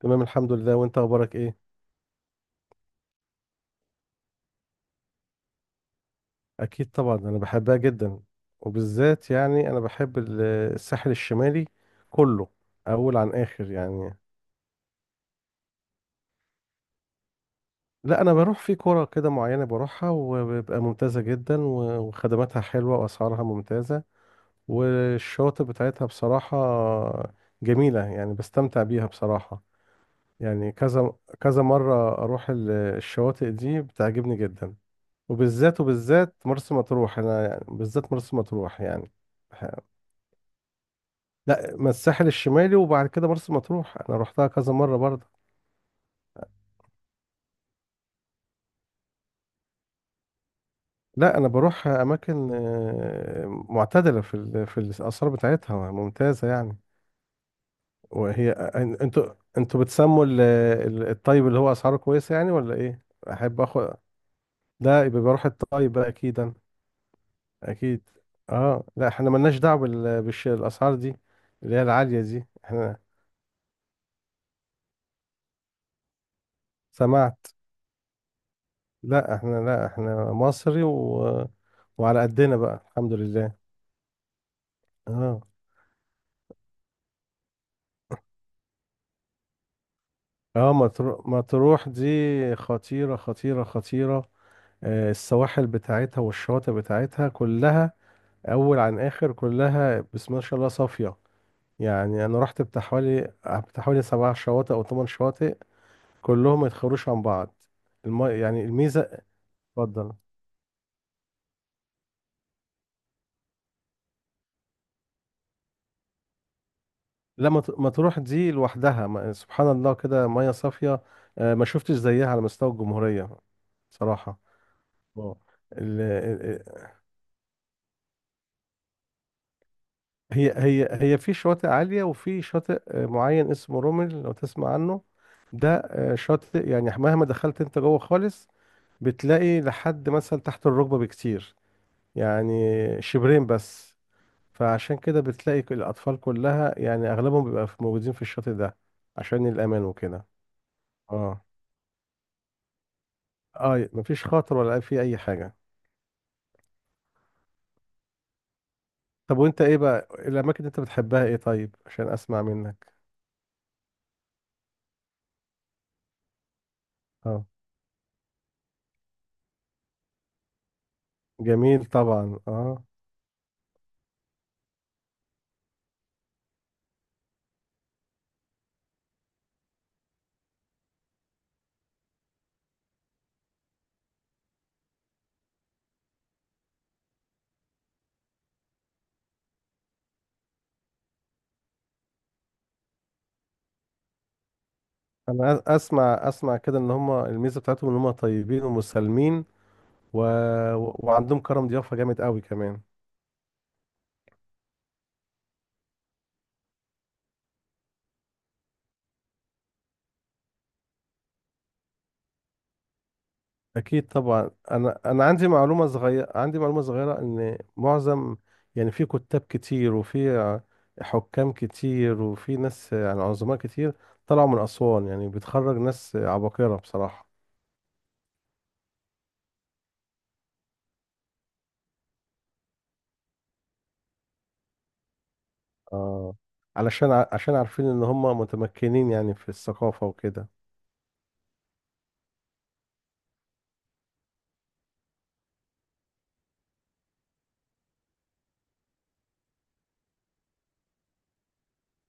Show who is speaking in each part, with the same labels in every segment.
Speaker 1: تمام، الحمد لله. وانت اخبارك ايه؟ اكيد طبعا، انا بحبها جدا. وبالذات يعني انا بحب الساحل الشمالي كله، اول عن اخر يعني. لا، انا بروح في كرة كده معينة، بروحها وبيبقى ممتازة جدا، و- وخدماتها حلوة واسعارها ممتازة. والشواطئ بتاعتها بصراحة جميلة، يعني بستمتع بيها بصراحة. يعني كذا كذا مرة اروح الشواطئ دي، بتعجبني جدا. وبالذات مرسى مطروح، انا يعني بالذات مرسى مطروح يعني. ح- لا، ما الساحل الشمالي وبعد كده مرسى مطروح، انا روحتها كذا مره برضه. لا، انا بروح اماكن معتدله في في الاثار بتاعتها ممتازه يعني. وهي انتوا بتسموا الطيب اللي هو اسعاره كويسه يعني، ولا ايه؟ احب اخد لا، يبقى بروح الطيب بقى اكيد أنا. اكيد. اه، لا، احنا ملناش دعوه بالاسعار دي اللي هي العاليه دي احنا. سمعت. لا احنا مصري وعلى قدنا بقى، الحمد لله. اه، اه. مطروح مطروح دي خطيرة خطيرة خطيرة. السواحل بتاعتها والشواطئ بتاعتها كلها أول عن آخر، كلها بسم الله ما شاء الله صافية. يعني أنا رحت بتاع حوالي 7 شواطئ أو 8 شواطئ، كلهم ما يتخروش عن بعض. يعني الميزة. اتفضل. لا، مطروح دي لوحدها، سبحان الله كده ميه صافيه. ما شفتش زيها على مستوى الجمهوريه صراحه. اه. ال- ال- هي في شواطئ عاليه وفي شاطئ معين اسمه رومل، لو تسمع عنه. ده شاطئ، يعني مهما دخلت انت جوه خالص بتلاقي لحد مثلا تحت الركبه بكتير، يعني شبرين بس. فعشان كده بتلاقي الاطفال كلها، يعني اغلبهم بيبقى موجودين في الشاطئ ده، عشان الامان وكده. اه، اه، مفيش خاطر ولا في اي حاجه. طب، وانت ايه بقى الاماكن اللي انت بتحبها ايه؟ طيب، عشان اسمع منك. اه. جميل طبعا، اه. انا اسمع كده ان هم الميزه بتاعتهم ان هم طيبين ومسالمين و... و- وعندهم كرم ضيافه جامد قوي كمان. اكيد طبعا. انا عندي معلومه صغيره ان معظم، يعني في كتاب كتير وفي حكام كتير وفي ناس يعني عظماء كتير طلعوا من اسوان، يعني بتخرج ناس عباقره بصراحه. اه. عشان عارفين ان هم متمكنين يعني في الثقافة وكده.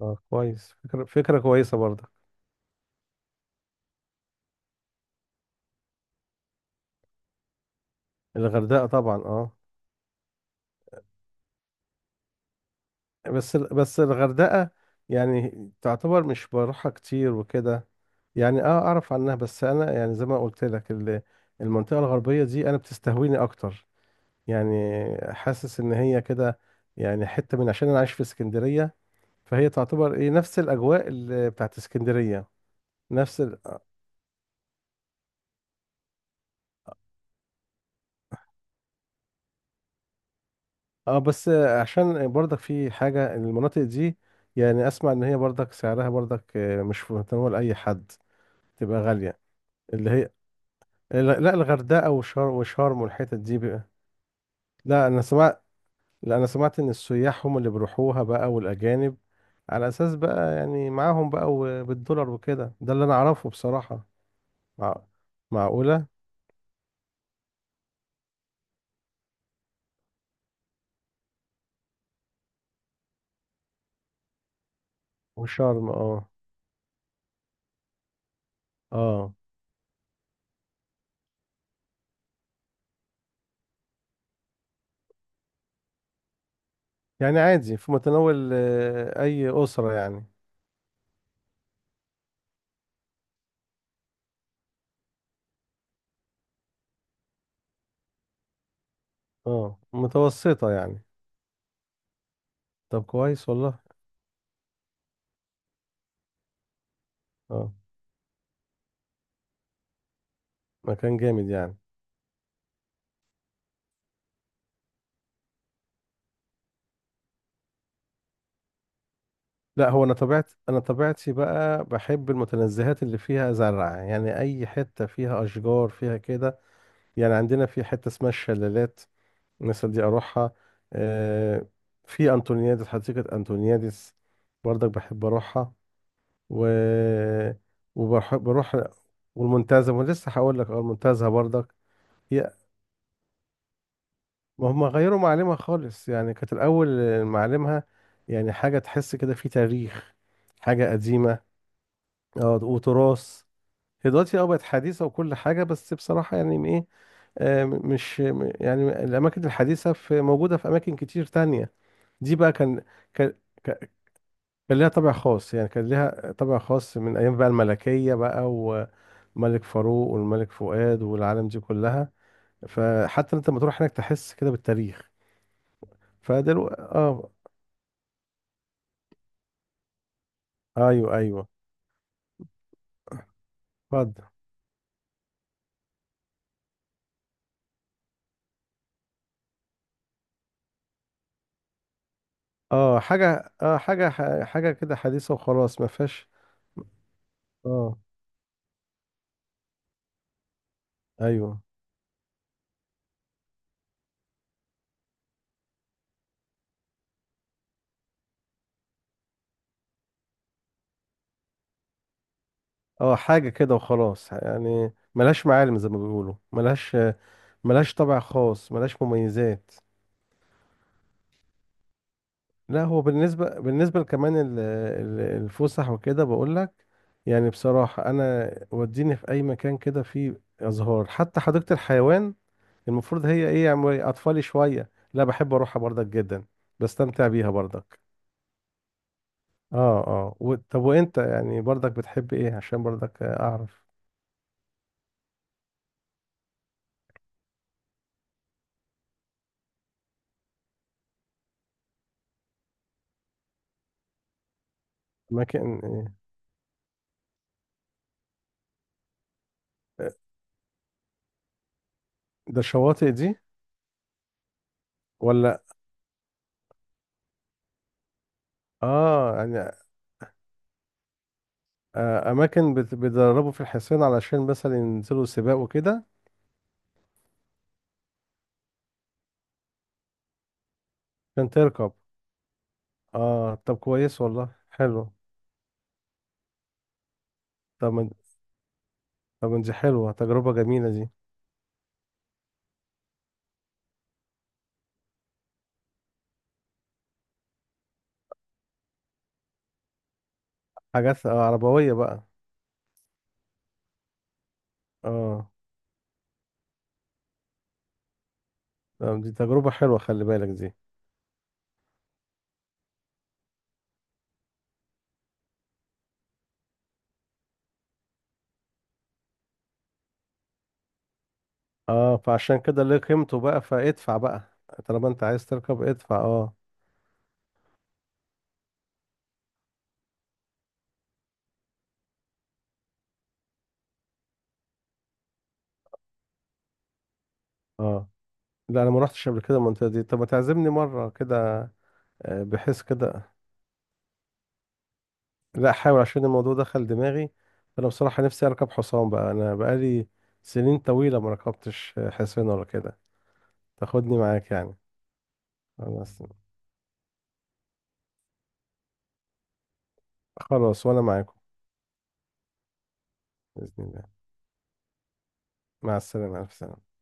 Speaker 1: اه، كويس. فكرة كويسة برضك. الغردقة؟ طبعا، اه. بس الغردقة يعني تعتبر، مش بروحها كتير وكده. يعني اه، اعرف عنها، بس انا يعني زي ما قلت لك المنطقة الغربية دي انا بتستهويني اكتر. يعني حاسس ان هي كده، يعني حتة من عشان انا عايش في اسكندرية، فهي تعتبر ايه نفس الاجواء اللي بتاعت اسكندرية، نفس، اه. بس عشان برضك في حاجة المناطق دي، يعني اسمع ان هي برضك سعرها برضك مش في متناول اي حد، تبقى غالية اللي هي. لا، لا، الغردقة وشرم وشرم والحتت دي بقى. لا انا سمعت لا انا سمعت ان السياح هم اللي بيروحوها بقى، والاجانب، على اساس بقى يعني معاهم بقى وبالدولار وكده، ده اللي انا اعرفه بصراحة. مع... معقولة؟ وشرم، اه. اه، يعني عادي في متناول اي اسرة يعني. اه، متوسطة يعني. طب، كويس والله. اه، مكان جامد يعني. لا هو انا طبيعتي بقى بحب المتنزهات اللي فيها زرع، يعني اي حته فيها اشجار فيها كده. يعني عندنا في حته اسمها الشلالات، مثلا دي اروحها. آه في انطونيادس، حديقه انطونيادس، برضك بحب اروحها. وبروح والمنتزه، ولسه هقول لك اه المنتزه برضك. هي ما هم غيروا معالمها خالص، يعني كانت الأول معالمها يعني حاجة تحس كده في تاريخ، حاجة قديمة. اه، وتراث. هي دلوقتي اه بقت حديثة وكل حاجة، بس بصراحة يعني ايه. آه م- مش م- يعني الأماكن الحديثة في موجودة في أماكن كتير تانية. دي بقى كان ك- كان ليها طابع خاص، يعني كان ليها طابع خاص من أيام بقى الملكية بقى، وملك فاروق والملك فؤاد والعالم دي كلها. فحتى انت لما تروح هناك تحس كده بالتاريخ. فدلوقتي اه. ايوه، ايوه. اتفضل. اه، حاجه كده حديثه وخلاص ما فيهاش. اه، ايوه. اه، حاجه كده وخلاص، يعني ملهاش معالم زي ما بيقولوا، ملهاش. ملهاش طابع خاص، ملهاش مميزات. لا هو بالنسبه كمان الفسح وكده بقول لك. يعني بصراحه انا وديني في اي مكان كده فيه ازهار، حتى حديقه الحيوان المفروض هي ايه، يعني اطفالي شويه، لا بحب اروحها برضك جدا، بستمتع بيها برضك. اه، اه. طب، وانت يعني برضك بتحب ايه؟ عشان برضك اعرف. اماكن ايه؟ ده الشواطئ دي ولا؟ اه، يعني. اماكن بيدربوا في الحصان علشان مثلا ينزلوا سباق وكده. عشان تركب. اه، طب كويس والله، حلو. طب من... طب من دي حلوة، تجربة جميلة دي. حاجات عربوية بقى. اه، طب دي تجربة حلوة، خلي بالك دي. اه، فعشان كده ليه قيمته بقى، فادفع بقى طالما انت عايز تركب، ادفع اه. اه، لا انا ما رحتش قبل كده المنطقه دي، طب ما تعزمني مره كده، بحيث كده. لا، احاول عشان الموضوع دخل دماغي. انا بصراحه نفسي اركب حصان بقى، انا بقالي سنين طويله ما ركبتش حصان ولا كده. تاخدني معاك يعني. خلاص. خلاص، وانا معاكم. باذن الله. مع السلامه، الف سلامه.